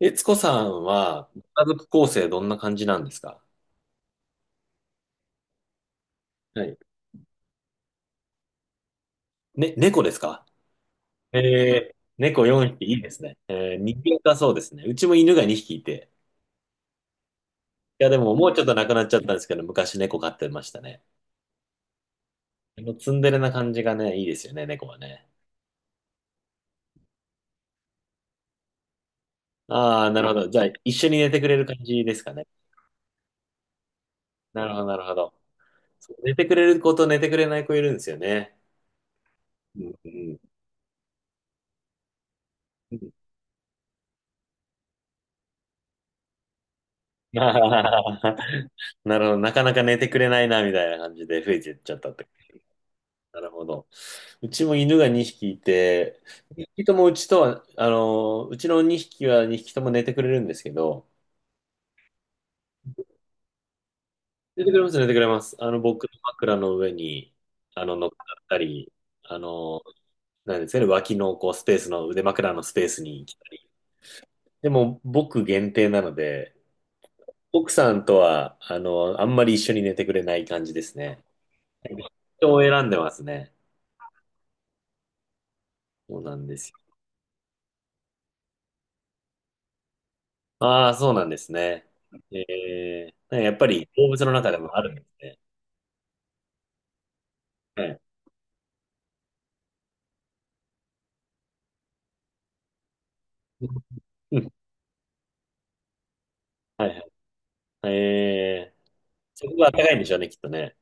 えつこさんは、ご家族構成どんな感じなんですか？はい。ね、猫ですか？えー、猫4匹いいですね。えー、人間かそうですね。うちも犬が2匹いて。いや、でももうちょっとなくなっちゃったんですけど、昔猫飼ってましたね。あのツンデレな感じがね、いいですよね、猫はね。ああ、なるほど。じゃあ、一緒に寝てくれる感じですかね。なるほど、なるほど。そう寝てくれる子と寝てくれない子いるんですよね。うんうんうん なるほど。なかなか寝てくれないな、みたいな感じで増えてっちゃったって。なるほど。うちも犬が2匹いて、2匹ともうちとは、うちの2匹は2匹とも寝てくれるんですけど、寝てくれます、寝てくれます。僕の枕の上に、乗っかったり、あの、なんですかね、脇のこうスペースの腕枕のスペースに来たり。でも、僕限定なので、奥さんとは、あんまり一緒に寝てくれない感じですね。人を選んでますね。そうなんです。ああ、そうなんですね。ええ、やっぱり動物の中でもあるんですね。はい。うん。はいはい。ええ、そこが暖かいんでしょうね、きっとね。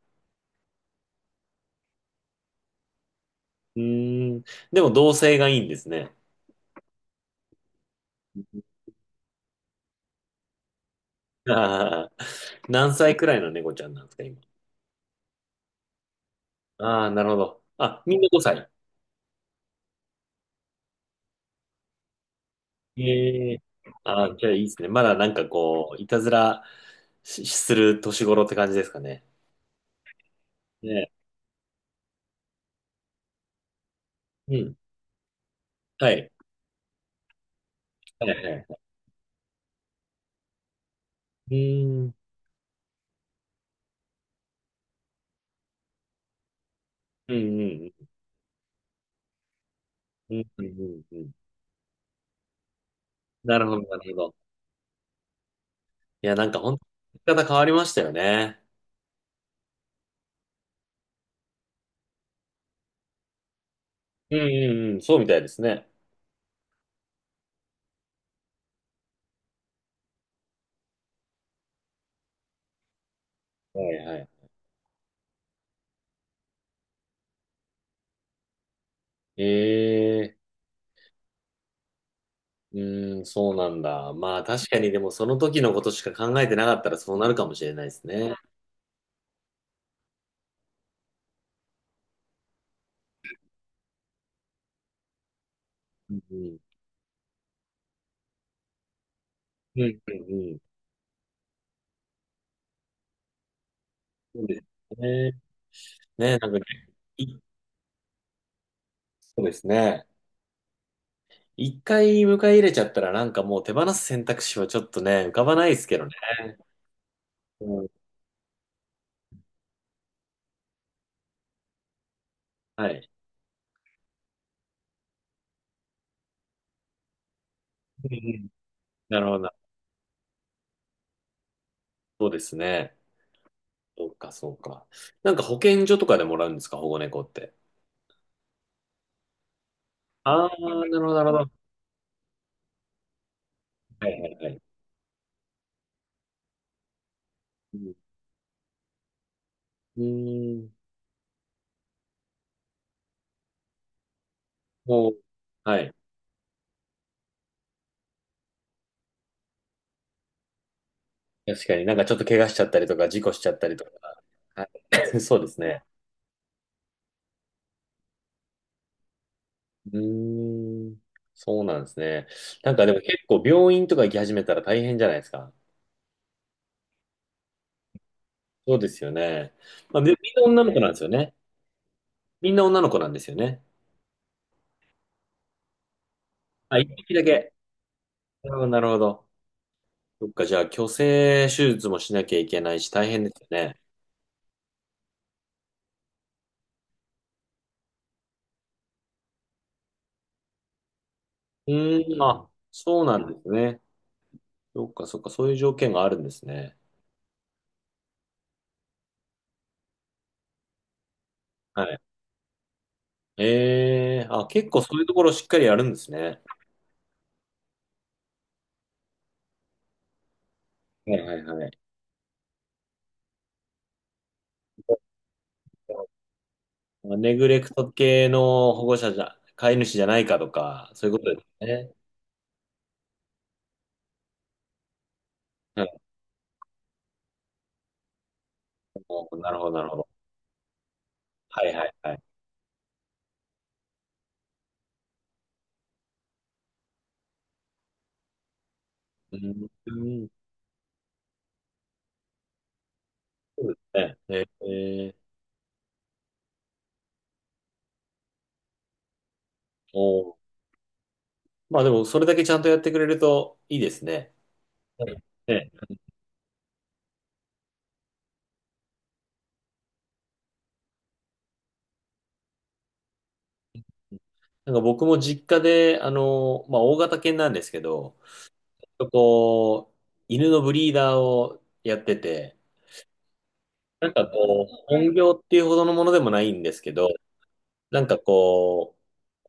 うーん。でも同性がいいんですね。ああ、何歳くらいの猫ちゃんなんですか、今？ああ、なるほど。あ、みんな5歳。ええ、ああ、じゃあいいですね。まだなんかこう、いたずらし、する年頃って感じですかね。ね。うん。はい。はいはいはい。うーん。うんうんうん。うんうんうんうん。なるほど、なるほど。いや、なんか本当に生き方変わりましたよね。うんうんうん、そうみたいですね。はいはい。ええ、うん、そうなんだ。まあ確かにでもその時のことしか考えてなかったらそうなるかもしれないですね。うんうん。うんうんうん。そうですね。ね、なんか、いそうですね。一回迎え入れちゃったらなんかもう手放す選択肢はちょっとね、浮かばないですけどね。うん、はい。うんうん、なるほど。そうですね。そうか、そうか。なんか保健所とかでもらうんですか、保護猫って？ああ、なるほど、なるほど。はいはいはい。うん。うーん。もう、はい。確かになんかちょっと怪我しちゃったりとか、事故しちゃったりとか。はい そうですね。うーん。そうなんですね。なんかでも結構病院とか行き始めたら大変じゃないですか。そうですよね。まあ、みんな女の子なんですよね。みんな女の子なんですよね。あ、1匹だけ。なるほど、なるほど。そっか、じゃあ、去勢手術もしなきゃいけないし、大変ですよね。うーん、あ、そうなんですね。そっかそっか、そういう条件があるんですね。はい。ええ、あ、結構そういうところしっかりやるんですね。はいはいはい。ネグレクト系の保護者じゃ、飼い主じゃないかとか、そういうことですね。はい、なるほど、なるほど。はいはいはい。うんうん、そうですね。えー、おー、まあでも、それだけちゃんとやってくれるといいですね。はい。ね、なんか僕も実家で、まあ、大型犬なんですけど、とこう、犬のブリーダーをやってて、なんかこう、本業っていうほどのものでもないんですけど、なんかこう、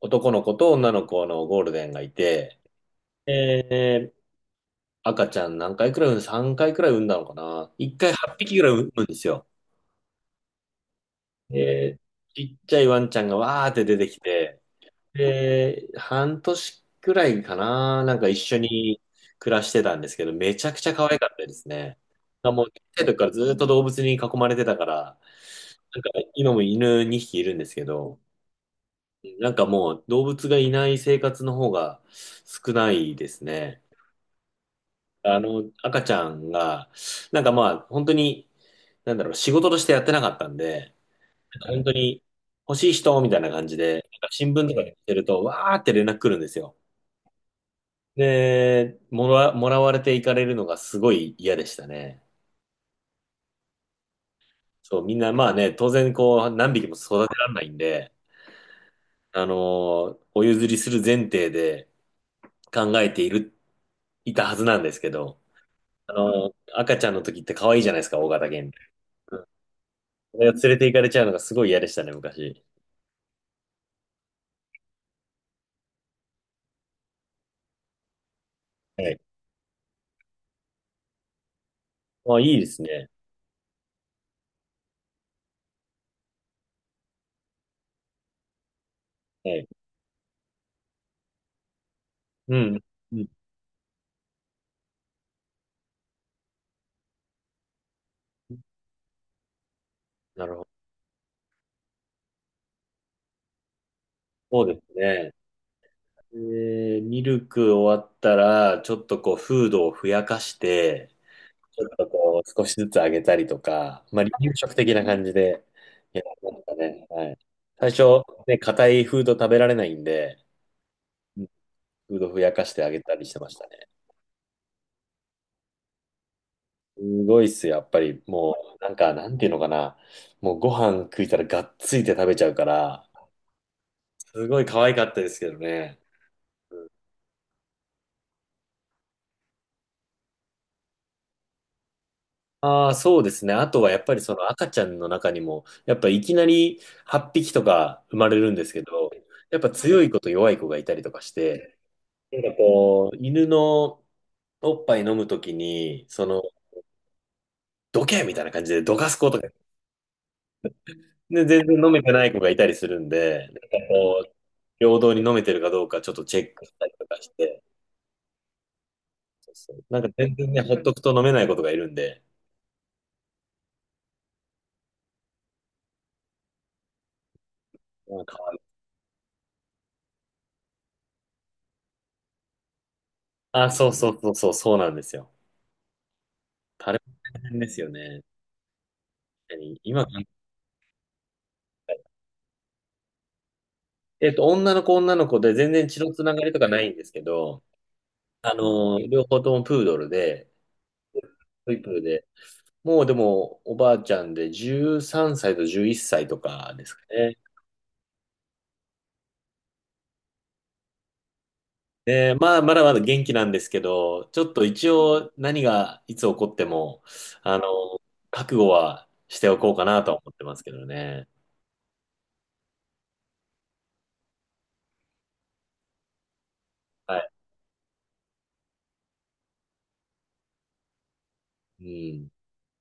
男の子と女の子のゴールデンがいて、えー赤ちゃん何回くらい産む ?3 回くらい産んだのかな ?1 回8匹くらい産むんですよ。えーちっちゃいワンちゃんがわーって出てきて、で、半年くらいかな、なんか一緒に暮らしてたんですけど、めちゃくちゃ可愛かったですね。もう、小さい時からずっと動物に囲まれてたから、なんか今も犬2匹いるんですけど、なんかもう動物がいない生活の方が少ないですね。赤ちゃんが、なんかまあ、本当に、なんだろう、仕事としてやってなかったんで、本当に欲しい人みたいな感じで、なんか新聞とかで見てると、わーって連絡来るんですよ。で、もらわれていかれるのがすごい嫌でしたね。そう、みんなまあね、当然こう、何匹も育てられないんで、お譲りする前提で考えている、いたはずなんですけど、あのー赤ちゃんの時って可愛いじゃないですか、大型犬。うん。それを連れて行かれちゃうのがすごい嫌でしたね、昔。はい。まあ、いいですね。はい。うん。うん。なるほど。そうですね。でミルク終わったら、ちょっとこう、フードをふやかして、ちょっとこう、少しずつ上げたりとか、まあ、離乳食的な感じで、やりましたね。はい。最初、ね、硬いフード食べられないんで、フードふやかしてあげたりしてましたね。すごいっすよ、やっぱり。もう、なんか、なんていうのかな。もう、ご飯食いたらがっついて食べちゃうから、すごい可愛かったですけどね。ああ、そうですね。あとはやっぱりその赤ちゃんの中にも、やっぱいきなり8匹とか生まれるんですけど、やっぱ強い子と弱い子がいたりとかして、なんかこう、犬のおっぱい飲むときに、どけみたいな感じでどかす子とか、で、全然飲めてない子がいたりするんで、なんかこう、平等に飲めてるかどうかちょっとチェックしたりとかして、そうそうなんか全然ね、ほっとくと飲めない子とかいるんで、なんか、あ、そうそうそうそう、そうなんですよ。タレも大変ですよね。確かに今、女の子女の子で全然血のつながりとかないんですけど、両方ともプードルで、トイプーで、もうでも、おばあちゃんで13歳と11歳とかですかね。で、まあ、まだまだ元気なんですけど、ちょっと一応何がいつ起こっても、あの、覚悟はしておこうかなとは思ってますけどね。はい。うん。